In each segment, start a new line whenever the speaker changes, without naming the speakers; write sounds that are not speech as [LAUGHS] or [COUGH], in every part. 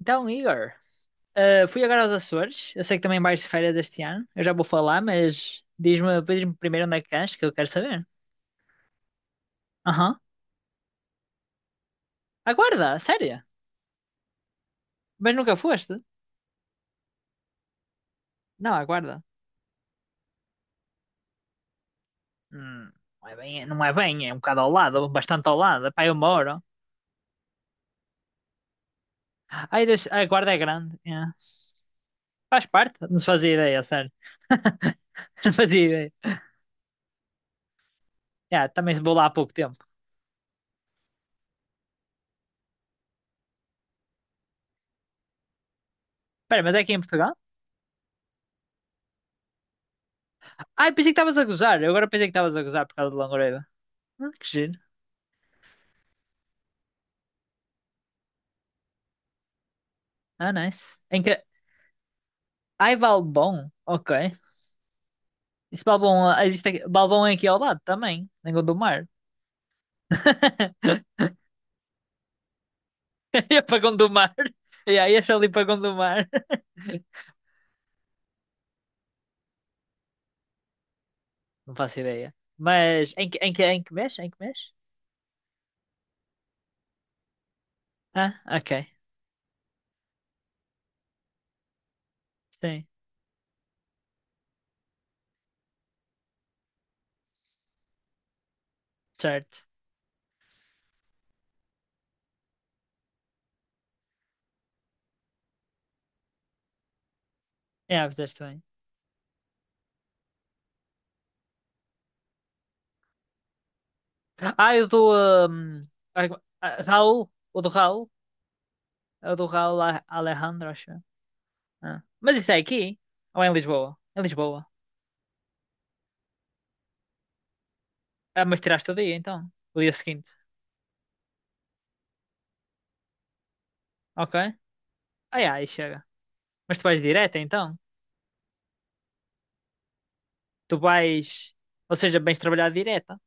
Então, Igor, fui agora aos Açores. Eu sei que também vais de férias este ano. Eu já vou falar, mas diz-me, diz-me primeiro onde é que cães, que eu quero saber. Aham. Aguarda, sério? Mas nunca foste? Não, aguarda. Hum, não é bem, é um bocado ao lado, bastante ao lado. Epá, eu moro. Ai, deixa, a guarda é grande. É. Faz parte, não se fazia ideia, sério. [LAUGHS] Não fazia ideia. Yeah, também vou lá há pouco tempo. Espera, mas é aqui em Portugal? Ai, pensei que estavas a gozar. Eu agora pensei que estavas a gozar por causa de Longoreiva. Que giro. Ah, nice. Ai, Valbom? Ok. Esse Valbom, existe aqui, Valbom é aqui ao lado também, em Gondomar. [LAUGHS] E é para Gondomar. E aí, acho ali para Gondomar. [LAUGHS] Não faço ideia. Mas em que mês? Em que mês? Ah, ok. Sim, certo. É, fizeste bem. Ah, eu do hum, ai, Raul. O do Raul. É o do Raul Alejandro, acho. Ah. Mas isso é aqui? Ou é em Lisboa? Em Lisboa. Ah, mas tiraste o dia então. O dia seguinte. Ok. Ah, yeah, aí chega. Mas tu vais direta então? Tu vais. Ou seja, vais trabalhar direta.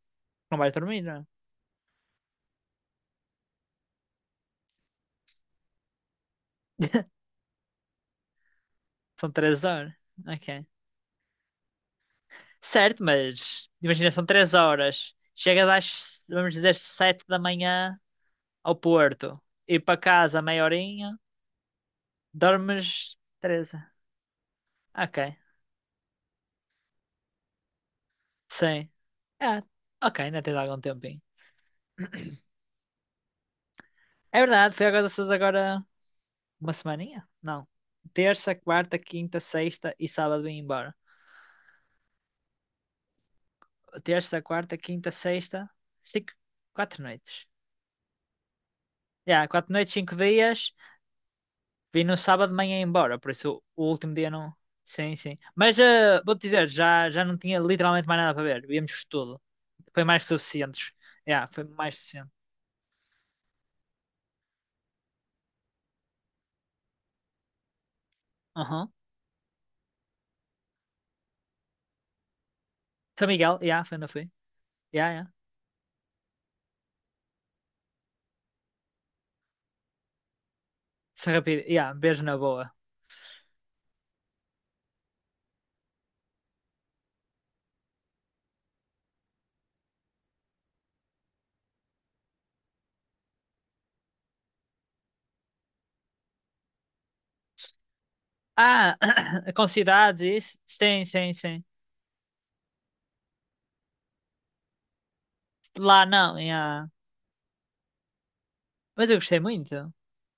Não vais dormir, não? é? [LAUGHS] São 3 horas. Ok. Certo, mas imagina, são 3 horas. Chegas às, vamos dizer, 7 da manhã ao Porto. Ir para casa meia horinha. Dormes 13. Ok. Sim. Ah, ok, ainda tens algum tempinho. É verdade, foi agora vocês agora uma semaninha? Não. Terça, quarta, quinta, sexta e sábado vim embora. Terça, quarta, quinta, sexta, cinco, 4 noites. Já, quatro noites, 5 dias. Vim no sábado de manhã embora, por isso o último dia não. Sim, sim. Mas vou-te dizer, já não tinha literalmente mais nada para ver. Víamos tudo. Foi mais que suficientes. Já, foi mais que suficiente. Aham. São Miguel, já, foi ainda fui. Já, já. Serra Pira, já, beijo na boa. Ah, [COUGHS] [CLEARS THROAT] com cidades, e isso? Sim, sim, sim. Lá não, já. Mas eu gostei muito.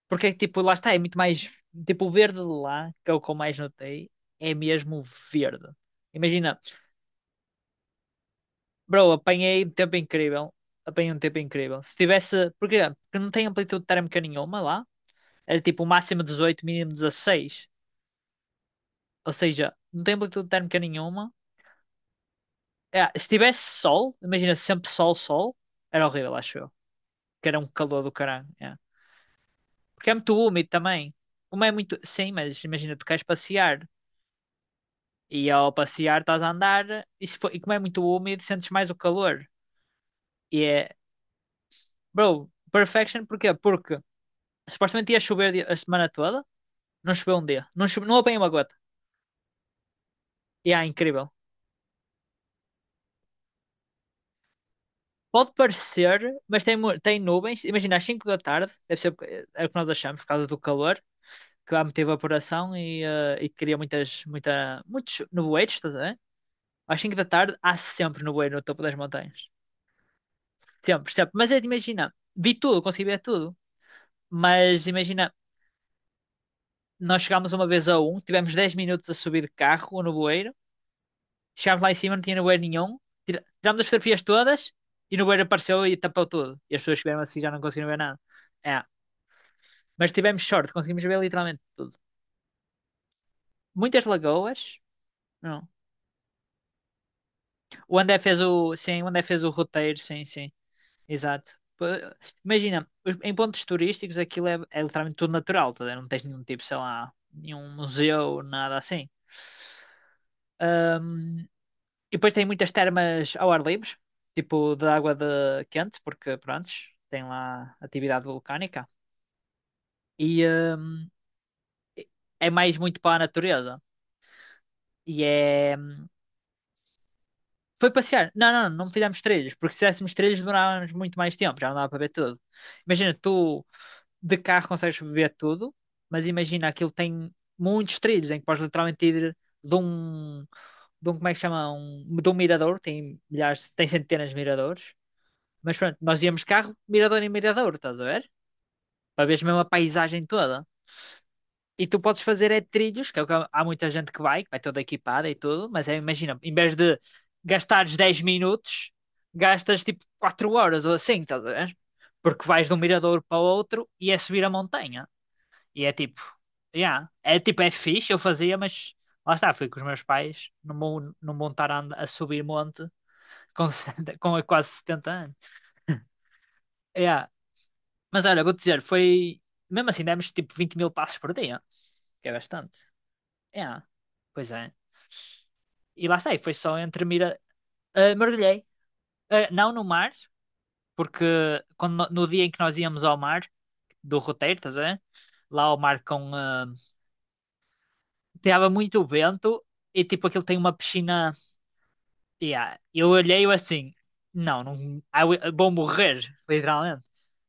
Porque, tipo, lá está, é muito mais. Tipo, o verde de lá, que é o que eu mais notei, é mesmo verde. Imagina, bro, apanhei um tempo incrível. Apanhei um tempo incrível. Se tivesse. Porquê? Porque não tem amplitude térmica nenhuma lá. Era tipo o máximo 18, mínimo 16. Ou seja, não tem amplitude térmica nenhuma. É, se tivesse sol, imagina sempre sol, sol, era horrível, acho eu. Que era um calor do caralho. É. Porque é muito úmido também. Como é muito. Sim, mas imagina, tu queres passear. E ao passear estás a andar e, se for- e como é muito úmido sentes mais o calor. E é, bro, perfection porquê? Porque supostamente ia chover a semana toda, não choveu um dia, não, chove, não apanhei uma gota. E é incrível. Pode parecer, mas tem nuvens, imagina às 5 da tarde, deve ser é o que nós achamos por causa do calor, que lá meteu evaporação e cria muitas, muita, muitos nevoeiros, estás a ver? Às 5 da tarde há sempre nevoeiro no topo das montanhas. Sempre, sempre. Mas é de imagina, vi tudo, consegui ver tudo. Mas imagina, nós chegámos uma vez a um, tivemos 10 minutos a subir de carro no bueiro. Chegámos lá em cima, não tinha bueiro nenhum. Tirámos as fotografias todas e no bueiro apareceu e tapou tudo. E as pessoas que vieram assim já não conseguiram ver nada. É. Mas tivemos sorte, conseguimos ver literalmente tudo. Muitas lagoas. Não. O André fez o. Sim, o André fez o roteiro, sim, sim. Exato. Pô, imagina, em pontos turísticos aquilo é literalmente tudo natural, tá? A ver? Não tens nenhum tipo, sei lá, nenhum museu, nada assim. E depois tem muitas termas ao ar livre, tipo de água de quente, porque pronto, tem lá atividade vulcânica. E é mais muito para a natureza. E é. Foi passear. Não, não, não fizemos trilhos, porque se fizéssemos trilhos demorávamos muito mais tempo, já não dava para ver tudo. Imagina, tu de carro consegues ver tudo, mas imagina aquilo tem muitos trilhos em que podes literalmente ir de um, de um, como é que chama? Um, de um mirador, tem milhares, tem centenas de miradores. Mas pronto, nós íamos carro, mirador em mirador, estás a ver? Para veres mesmo a paisagem toda. E tu podes fazer é trilhos, que é o que há muita gente que vai toda equipada e tudo, mas é, imagina, em vez de gastares 10 minutos, gastas tipo 4 horas ou assim, estás a ver? Porque vais de um mirador para o outro e é subir a montanha. E é tipo, yeah, é tipo, é fixe, eu fazia, mas lá está, fui com os meus pais, não vão estar a subir monte com, [LAUGHS] com quase 70 anos. [LAUGHS] Yeah, mas olha, vou-te dizer, foi. Mesmo assim, demos tipo 20 mil passos por dia, que é bastante. É, pois é. E lá está, e foi só entre mira. Mergulhei. Ah, não no mar, porque quando, no dia em que nós íamos ao mar, do roteiro, estás a ver? Lá ao mar com. Tava muito vento e tipo aquilo tem uma piscina. Yeah. Eu olhei eu assim, não, não, vou morrer, literalmente.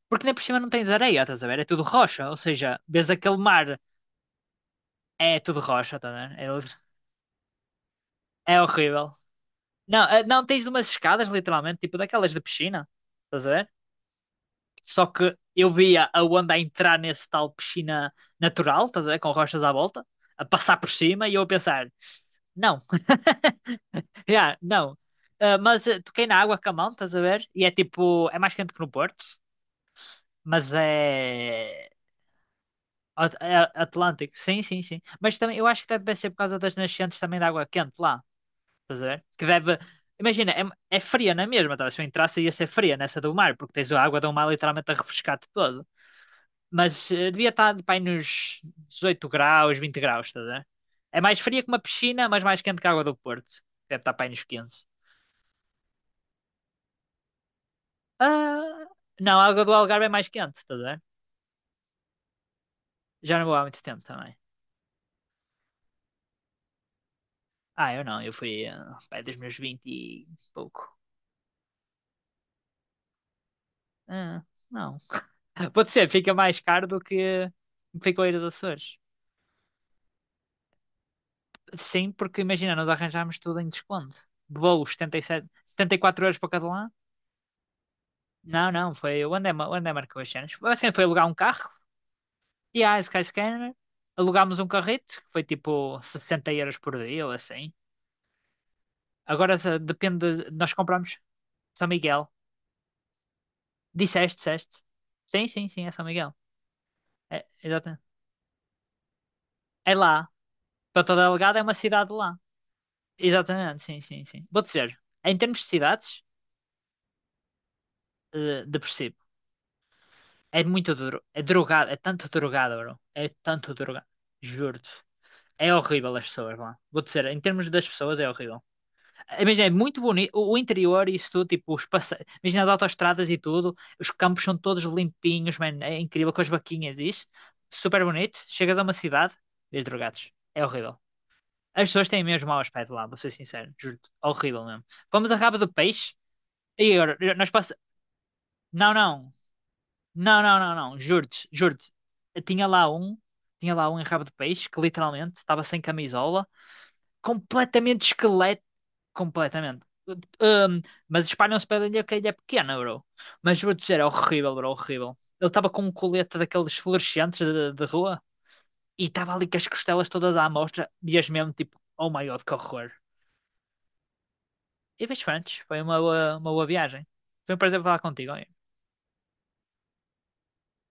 Porque nem por cima não tens areia, estás a ver? É tudo rocha, ou seja, vês aquele mar. É tudo rocha, tá, né? É horrível. Não, não, tens umas escadas, literalmente, tipo daquelas de piscina. Estás a ver? Só que eu via a onda a entrar nesse tal piscina natural, estás a ver? Com rochas à volta, a passar por cima e eu a pensar, não, [LAUGHS] yeah, não. Mas toquei na água com a mão, estás a ver? E é tipo, é mais quente que no Porto, mas é. É Atlântico, sim, sim, sim. Mas também, eu acho que deve ser por causa das nascentes também da água quente lá. Estás a ver? Que deve. Imagina, é fria na mesma, tá? Se eu entrasse ia ser fria nessa do mar, porque tens a água do mar literalmente a refrescar-te todo. Mas devia estar pá, aí nos 18 graus, 20 graus, estás a ver? É mais fria que uma piscina, mas mais quente que a água do Porto. Deve estar pá, aí nos 15. Ah, não, a água do Algarve é mais quente, estás a ver? Já não vou há muito tempo também. Ah, eu não, eu fui pá, dos meus 20 e pouco. Ah, não. [LAUGHS] Pode ser, fica mais caro do que ficou a ir dos Açores. Sim, porque imagina, nós arranjámos tudo em desconto. Voos, 77, 74 € para cada lado. Não, não, foi o André, o André marcou as cenas. Assim, foi alugar um carro e a Skyscanner. Alugámos um carrito, que foi tipo 60 € por dia ou assim. Agora depende, nós compramos São Miguel. Disseste, disseste. Sim, sim, sim, é São Miguel. É, exatamente. É lá. Para toda Algada é uma cidade lá. Exatamente, sim, sim, sim. Vou dizer, em termos de cidades, depressivo. É muito duro. É drogado. É tanto drogado, bro. É tanto drogado. Juro-te. É horrível as pessoas lá. Vou dizer, em termos das pessoas, é horrível. Imagina, é muito bonito. O interior e isso tudo, tipo, os passe... Imagina as autoestradas e tudo. Os campos são todos limpinhos, mano. É incrível com as vaquinhas e isso. Super bonito. Chegas a uma cidade, vês drogados. É horrível. As pessoas têm mesmo mau aspecto lá, vou ser sincero. Juro-te. Horrível mesmo. Vamos a Rabo do Peixe. E agora, nós passamos. Não, não. Não, não, não, não. Juro-te, juro-te. Eu tinha lá um em rabo de peixe que literalmente estava sem camisola, completamente esqueleto. Completamente. Hum, mas espalham-se pela ilha que a ilha é pequena, bro. Mas vou dizer, é horrível, bro, horrível. Ele estava com um colete daqueles fluorescentes de rua e estava ali com as costelas todas à mostra e as mesmo tipo, oh my god, que horror. E vejo Frantes, foi uma boa viagem. Foi um prazer falar contigo.